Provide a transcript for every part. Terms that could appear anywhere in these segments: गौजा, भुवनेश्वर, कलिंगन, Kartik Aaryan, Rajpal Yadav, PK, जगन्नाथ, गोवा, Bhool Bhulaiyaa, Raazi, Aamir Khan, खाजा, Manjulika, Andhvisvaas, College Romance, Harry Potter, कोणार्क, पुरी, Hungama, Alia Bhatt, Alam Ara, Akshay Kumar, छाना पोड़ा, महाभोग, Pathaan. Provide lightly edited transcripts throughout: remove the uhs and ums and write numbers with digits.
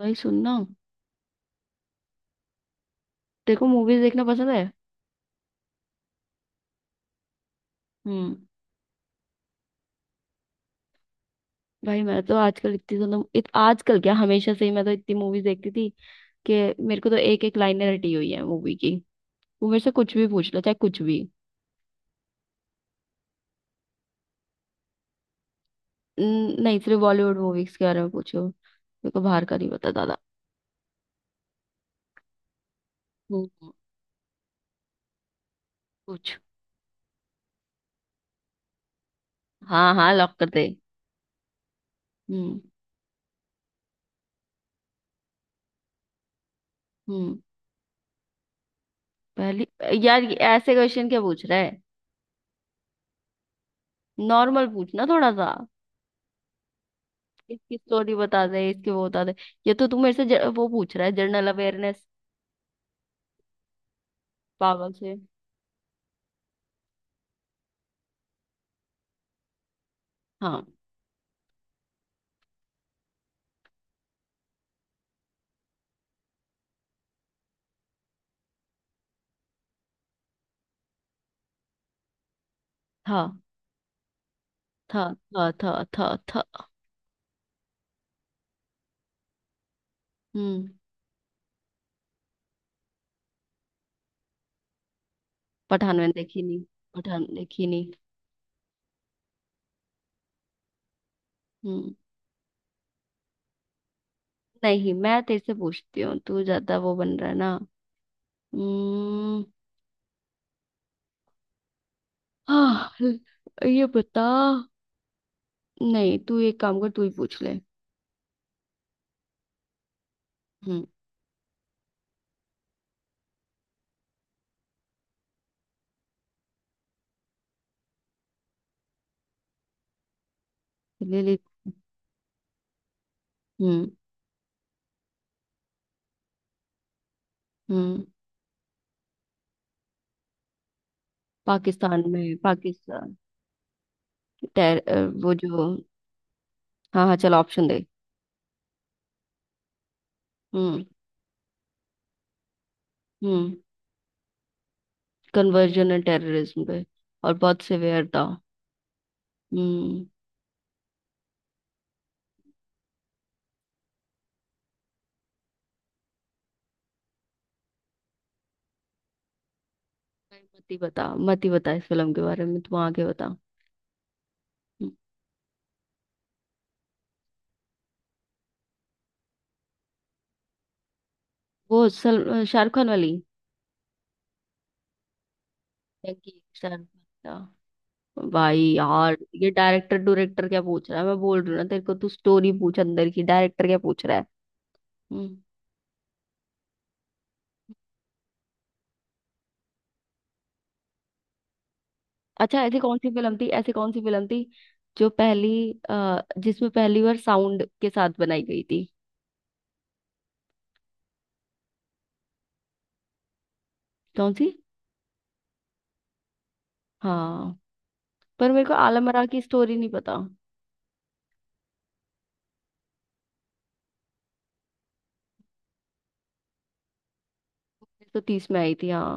भाई सुनना। तेरे को मूवीज देखना पसंद है? हम्म। भाई मैं तो आजकल इतनी ज्यादा आजकल क्या हमेशा से ही मैं तो इतनी मूवीज देखती थी कि मेरे को तो एक एक लाइनें रटी हुई है मूवी की। वो मेरे से कुछ भी पूछ लो, चाहे कुछ भी। नहीं, सिर्फ बॉलीवुड मूवीज के बारे में पूछो, मेरे को बाहर का नहीं पता दादा। हम्म। पूछ। हाँ हाँ, लॉक कर दे। हम्म। हम्म। पहली। यार ये ऐसे क्वेश्चन क्या पूछ रहा है? नॉर्मल पूछना थोड़ा सा। इसकी स्टोरी बता दे, इसके वो बता दे। ये तो तू मेरे से वो पूछ रहा है जनरल अवेयरनेस। पागल से। हाँ। था था। था था। हम्म। पठान मैंने देखी नहीं। पठान देखी नहीं। हम्म। नहीं, मैं तेरे से पूछती हूँ, तू ज्यादा वो बन रहा है ना। हम्म। हाँ। ये बता। नहीं, तू एक काम कर, तू ही पूछ ले। हम्म। ले ले। हम्म। हम्म। पाकिस्तान में, पाकिस्तान। टेर अ, वो जो। हाँ हाँ, चल ऑप्शन दे। हम्म। हम्म। कन्वर्जन एंड टेररिज्म पे। और बहुत सिवियर था। हम्म। नहीं, मत ही बता, मत ही बता इस फिल्म के बारे में, तू आगे बता। हम्म, वो सल शाहरुख खान वाली। थैंक। शाहरुख खान का। भाई यार ये डायरेक्टर डायरेक्टर क्या पूछ रहा है? मैं बोल रही हूँ ना तेरे को, तू स्टोरी पूछ अंदर की, डायरेक्टर क्या पूछ रहा है। हम्म। अच्छा, ऐसी कौन सी फिल्म थी, ऐसी कौन सी फिल्म थी जो पहली, जिसमें पहली बार साउंड के साथ बनाई गई थी। कौन सी? हाँ। पर मेरे को आलम आरा की स्टोरी नहीं पता। 1930 में आई थी, हाँ।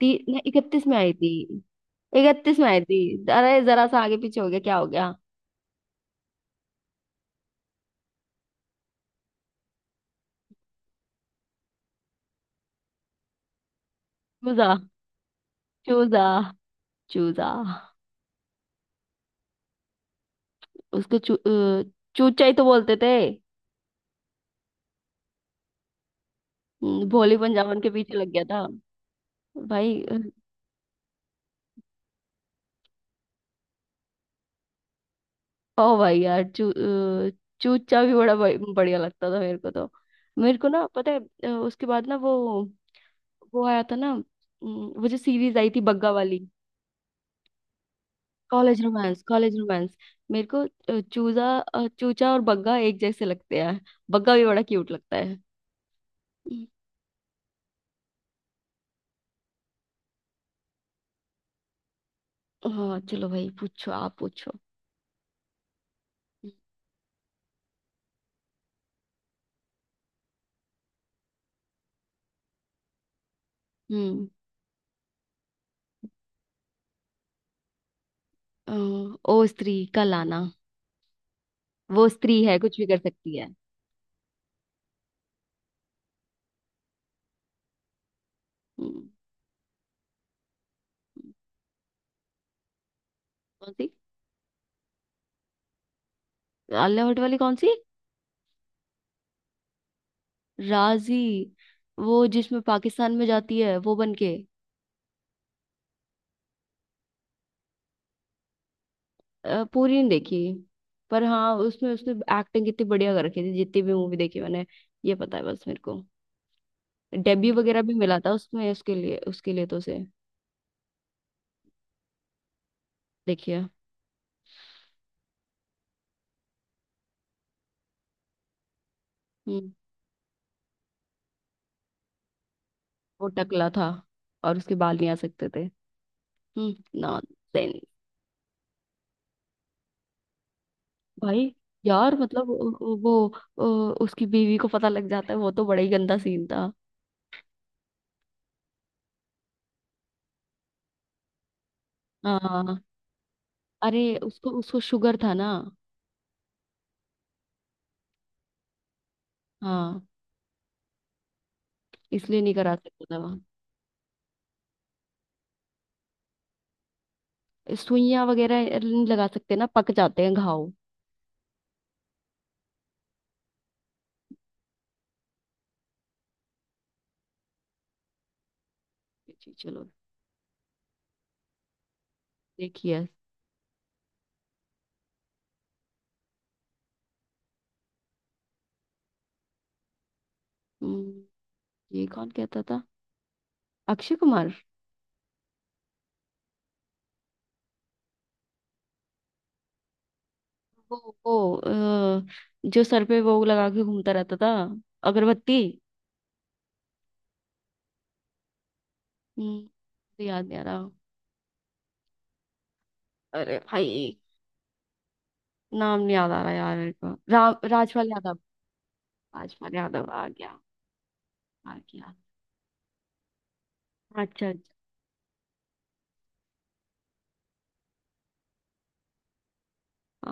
नहीं, इकतीस में आई थी। इकतीस में आई थी। अरे जरा सा आगे पीछे हो गया, क्या हो गया। चूजा। चूजा। चूजा। उसको चूचा ही तो बोलते थे। भोली पंजाबन के पीछे लग गया था। भाई अ, ओ भाई यार चूचा भी बड़ा बढ़िया लगता था मेरे को तो। मेरे को ना पता है, उसके बाद ना वो आया था ना, वो जो सीरीज आई थी बग्गा वाली। College romance, college romance. मेरे को चूजा, चूचा और बग्गा एक जैसे लगते हैं। बग्गा भी बड़ा क्यूट लगता है। हम्म। हाँ, चलो भाई पूछो, आप पूछो। हम्म। अ, ओ स्त्री का लाना, वो स्त्री है कुछ भी कर सकती है। हम्म। कौन सी? आलिया भट्ट वाली कौन सी? राजी। वो जिसमें पाकिस्तान में जाती है वो बन के। पूरी नहीं देखी, पर हाँ उसमें उसने एक्टिंग कितनी बढ़िया कर रखी थी, जितनी भी मूवी देखी मैंने, ये पता है बस मेरे को। डेब्यू वगैरह भी मिला था उसमें उसके लिए, उसके लिए तो उसे। देखिए। हम्म। वो टकला था और उसके बाल नहीं आ सकते थे। हम्म, नॉनसेंस। भाई यार मतलब वो, उसकी बीवी को पता लग जाता है, वो तो बड़ा ही गंदा सीन था। हाँ। अरे उसको, उसको शुगर था ना। हाँ। इसलिए नहीं करा सकता। था, सुइयां वगैरह नहीं लगा सकते ना, पक जाते हैं घाव। जी, चलो। देखिए। हम्म, ये कौन कहता था? अक्षय कुमार। वो जो सर पे वो लगा के घूमता रहता था, अगरबत्ती। हम्म, तो याद नहीं आ रहा। अरे भाई। नाम नहीं याद आ रहा यार मेरे को, राजपाल यादव। राजपाल यादव आ गया, आ गया। अच्छा अच्छा।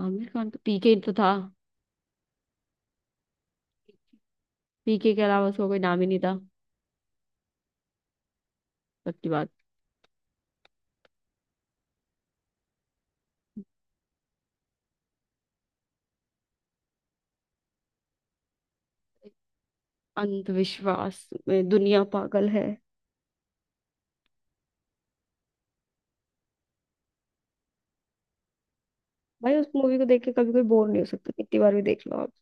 आमिर खान तो पीके तो था। पीके के अलावा उसका कोई नाम ही नहीं था। सच्ची बात। अंधविश्वास में दुनिया पागल है। भाई उस मूवी को देख के कभी कोई बोर नहीं हो सकता, कितनी बार भी देख लो आप।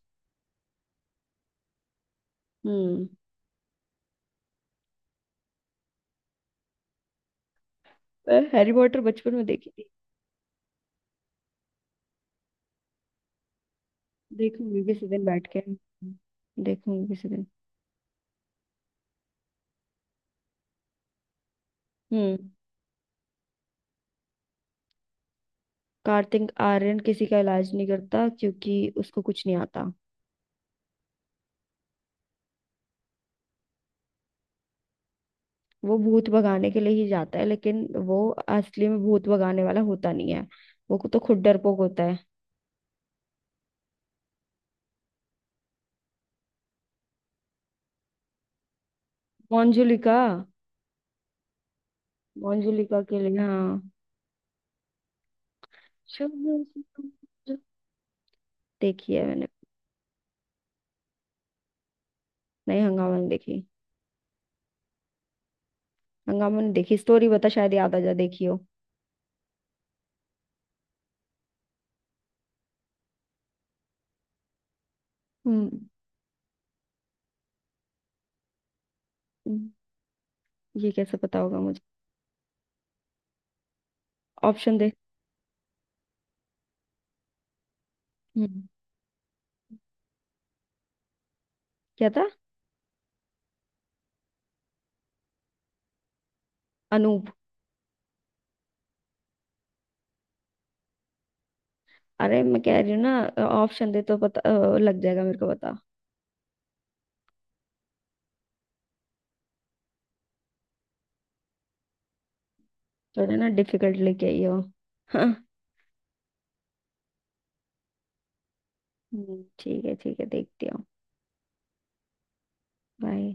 हम्म। मैं हैरी पॉटर बचपन में देखी। देखूंगी किसी दिन बैठ के। देखूंगी किसी दिन। हम्म। कार्तिक आर्यन किसी का इलाज नहीं करता क्योंकि उसको कुछ नहीं आता। वो भूत भगाने के लिए ही जाता है, लेकिन वो असली में भूत भगाने वाला होता नहीं है, वो तो खुद डरपोक होता है। मंजुलिका। मंजुलिका के लिए, हाँ। शुभ। देखी है मैंने। नहीं, हंगामा नहीं देखी। हंगामा नहीं देखी, स्टोरी बता, शायद याद आ जा, देखी हो। हम्म। हम्म, ये कैसे पता होगा मुझे? ऑप्शन दे। हम्म। क्या था? अनूप। अरे मैं कह रही हूँ ना, ऑप्शन दे तो पता लग जाएगा मेरे को, पता। थोड़ा ना डिफिकल्ट लेके आई हो। हाँ। ठीक है ठीक है, देखती हूँ। बाय।